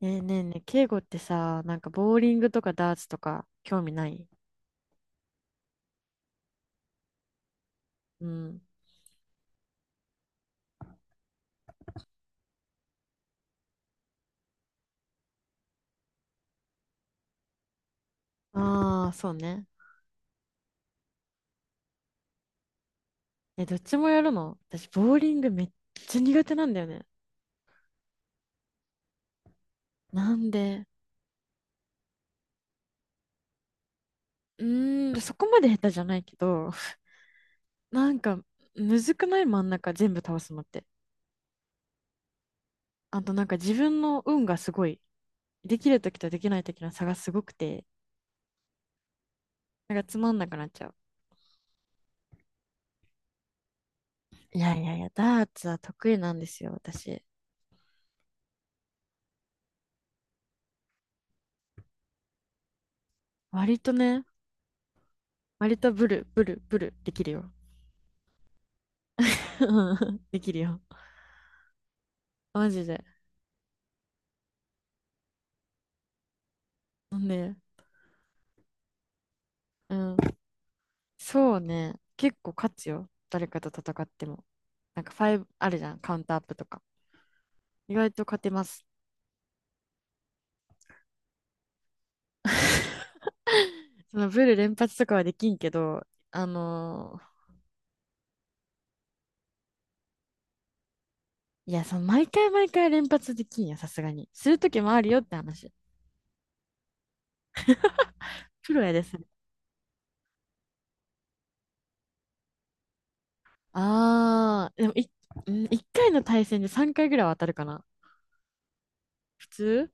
ねえねえねえ、敬語ってさ、なんかボーリングとかダーツとか興味ない？うん。ああ、そうね。え、どっちもやるの？私、ボーリングめっちゃ苦手なんだよね。なんで？うーん、そこまで下手じゃないけど、なんか、むずくない？真ん中全部倒すのって。あとなんか自分の運がすごい、できるときとできないときの差がすごくて、なんかつまんなくなっちゃう。いやいやいや、ダーツは得意なんですよ、私。割とね、割とブルブルブルできるよ。うんできるよ。マジで。ね、うん。そうね。結構勝つよ。誰かと戦っても。なんか5あるじゃん。カウンターアップとか。意外と勝てます。そのブル連発とかはできんけど、あのーいや、その毎回毎回連発できんや、さすがに。するときもあるよって話。プロやですね。あー、でもい、うん1回の対戦で3回ぐらいは当たるかな。普通。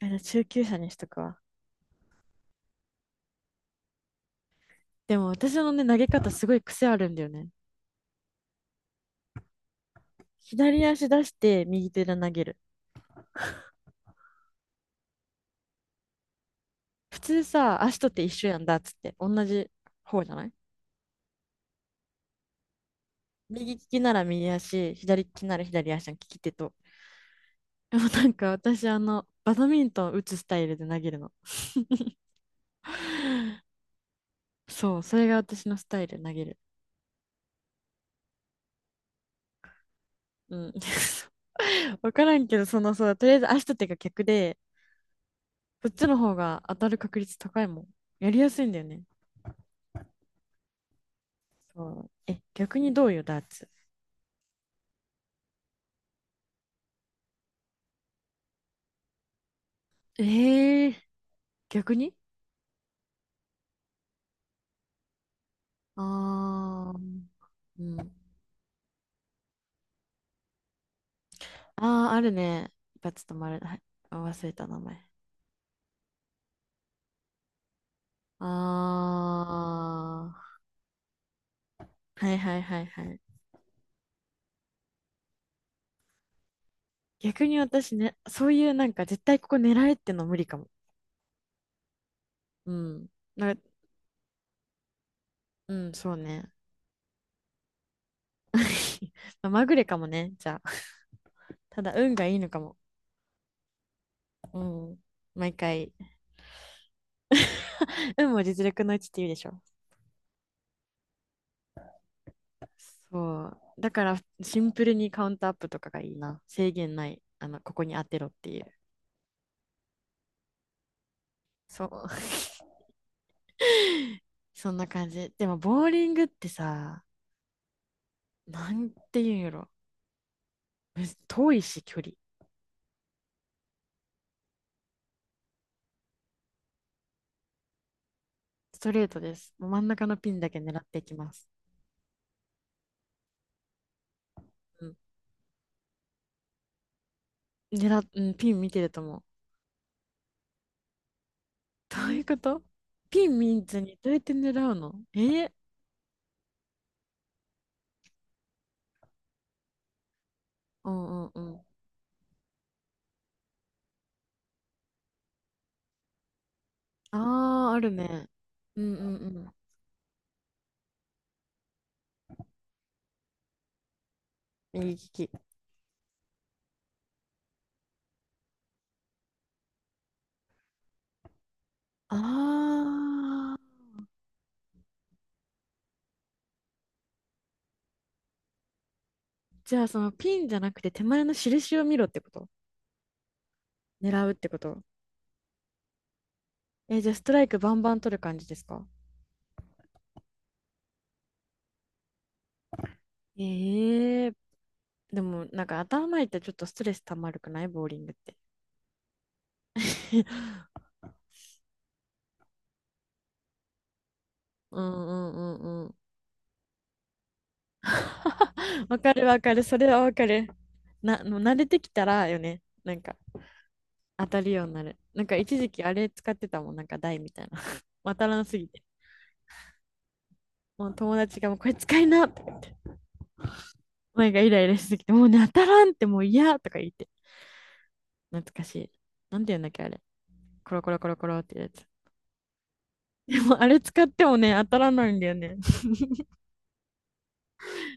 あの中級者にしとくわ。でも私のね、投げ方すごい癖あるんだよね。左足出して右手で投げる。普通さ、足とって一緒やんだっつって、同じ方じゃない？右利きなら右足、左利きなら左足の利き手と。でもなんか私、あの、バドミントン打つスタイルで投げるの。そう、それが私のスタイル投げる。うん。わからんけど、そのそうとりあえず足と手が逆で、こっちの方が当たる確率高いもん。やりやすいんだよね。そう。え、逆にどうよ、ダーツ。えー、逆に。あー、うん。ああ、あるね。一発止まる。はい。忘れた名前。ああ、はいはいはいはい。逆に私ね、そういうなんか絶対ここ狙えっての無理かも。うん。な、うん、そうね。まあまぐれかもね、じゃあ。ただ運がいいのかも。うん。毎回。運も実力のうちって言うでしょ。そう。だからシンプルにカウントアップとかがいいな。制限ない。あの、ここに当てろっていう。そう。そんな感じ。でも、ボーリングってさ、なんて言うんやろ。むず遠いし、距離。ストレートです。もう真ん中のピンだけ狙っていきます。うん。狙っ、うん、ピン見てると思う。どういうこと？ピン見ずにどうやって狙うの？えー。うんうんうん。ああ、あるね。うんうんうん。右利き。ああ、じゃあそのピンじゃなくて手前の印を見ろってこと？狙うってこと？えーじゃあストライクバンバン取る感じですか？ええ。でも、なんか頭痛いとちょっとストレス溜まるくない？ボーリングって。うんうんうんうん。わかるわかる。それはわかる。な、もう慣れてきたらよね。なんか当たるようになる。なんか一時期あれ使ってたもん。なんか台みたいな。当たらんすぎて。もう友達がもうこれ使いなとか言って。前がイライラしすぎて、もうね、当たらんってもう嫌とか言って。懐かしい。なんて言うんだっけあれ。コロコロコロコロってやつ。でもあれ使ってもね、当たらないんだよね。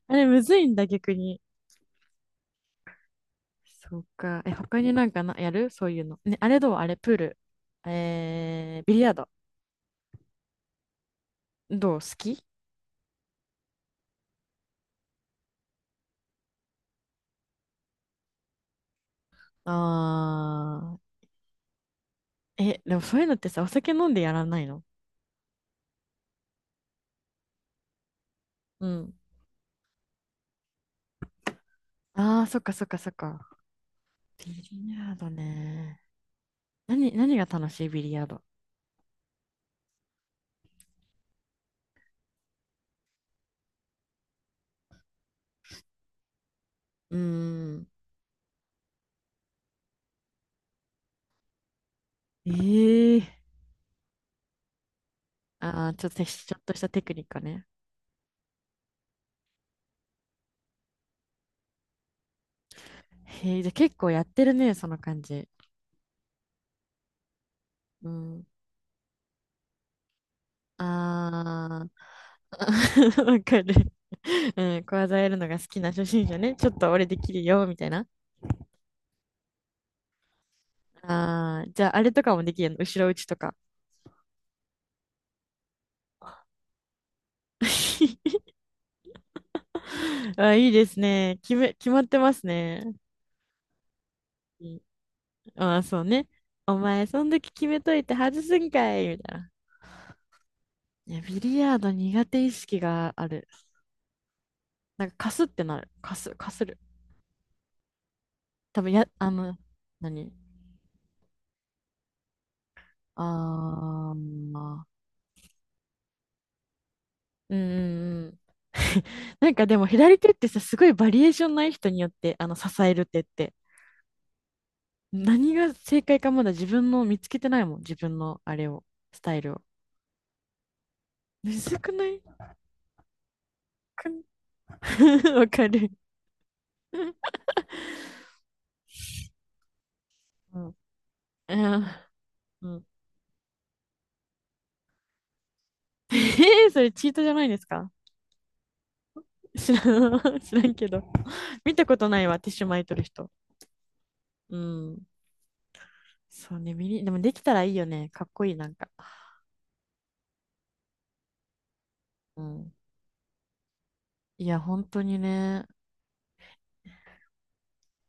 あれむずいんだ逆に。そうか。え、他になんかな、やるそういうの。ね、あれどう？あれ、プール。えー、ビリヤード。どう？好き？あー。え、でもそういうのってさ、お酒飲んでやらないの？うん。あー、そっかそっかそっか。ビリヤードね。何、何が楽しい？ビリヤード。うーん。えー。あー、ちょっとちょっとしたテクニックね。へえ、じゃあ結構やってるね、その感じ。うん。あー、わかる。うん、小技やるのが好きな初心者ね。ちょっと俺できるよ、みたいな。ああ、じゃああれとかもできるの？後ろ打ちとか。あ、いいですね。決め、決まってますね。うん。ああ、そうね。お前、そん時決めといて外すんかい、みたいな。いや、ビリヤード苦手意識がある。なんか、かすってなる。かす、かする。多分や、あの、何？ああ。ー、まあ。うんうん。 なんかでも左手ってさ、すごいバリエーションない？人によって、あの、支える手って。何が正解かまだ自分の見つけてないもん。自分のあれを、スタイルを。むずくない？くん。 わかる。うん。あー。うん、えー、それチートじゃないですか？知らん、知らんけど。見たことないわ、ティッシュ巻いとる人。うん。そうね、ミリ、でもできたらいいよね。かっこいい、なんか。うん。いや、本当にね。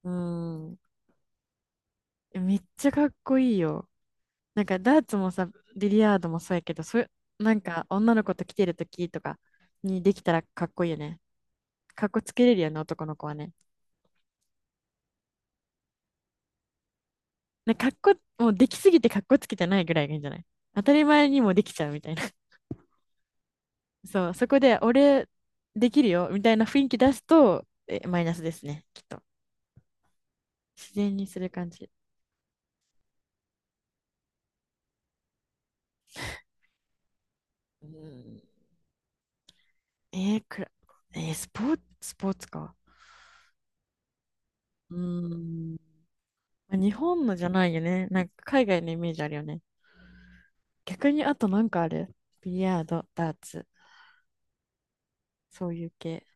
うん。めっちゃかっこいいよ。なんかダーツもさ、ビリヤードもそうやけど、そういう、なんか女の子と来てるときとかにできたらかっこいいよね。かっこつけれるよね、男の子はね。なんかかっこ、もうできすぎてかっこつけてないぐらいがいいんじゃない？当たり前にもできちゃうみたいな。そう、そこで俺できるよみたいな雰囲気出すと、え、マイナスですね、きっと。自然にする感じ。うん、えーくら、えースポーツ、スポーツか。うーん。まあ日本のじゃないよね。なんか海外のイメージあるよね。逆にあとなんかある？ビリヤード、ダーツ、そういう系。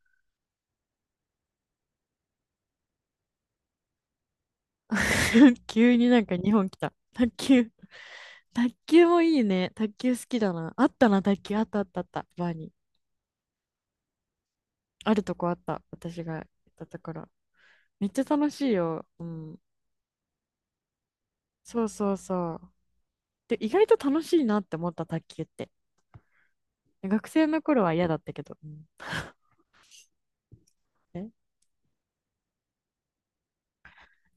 急になんか日本来た。卓球。卓球もいいね。卓球好きだな。あったな、卓球。あったあったあった。バーに。あるとこあった。私が行ったところ。めっちゃ楽しいよ。うん。そうそうそう。で、意外と楽しいなって思った卓球って。学生の頃は嫌だったけど。うん。え？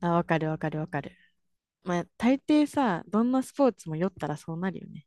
あ、わかるわかるわかる。まあ、大抵さ、どんなスポーツも酔ったらそうなるよね。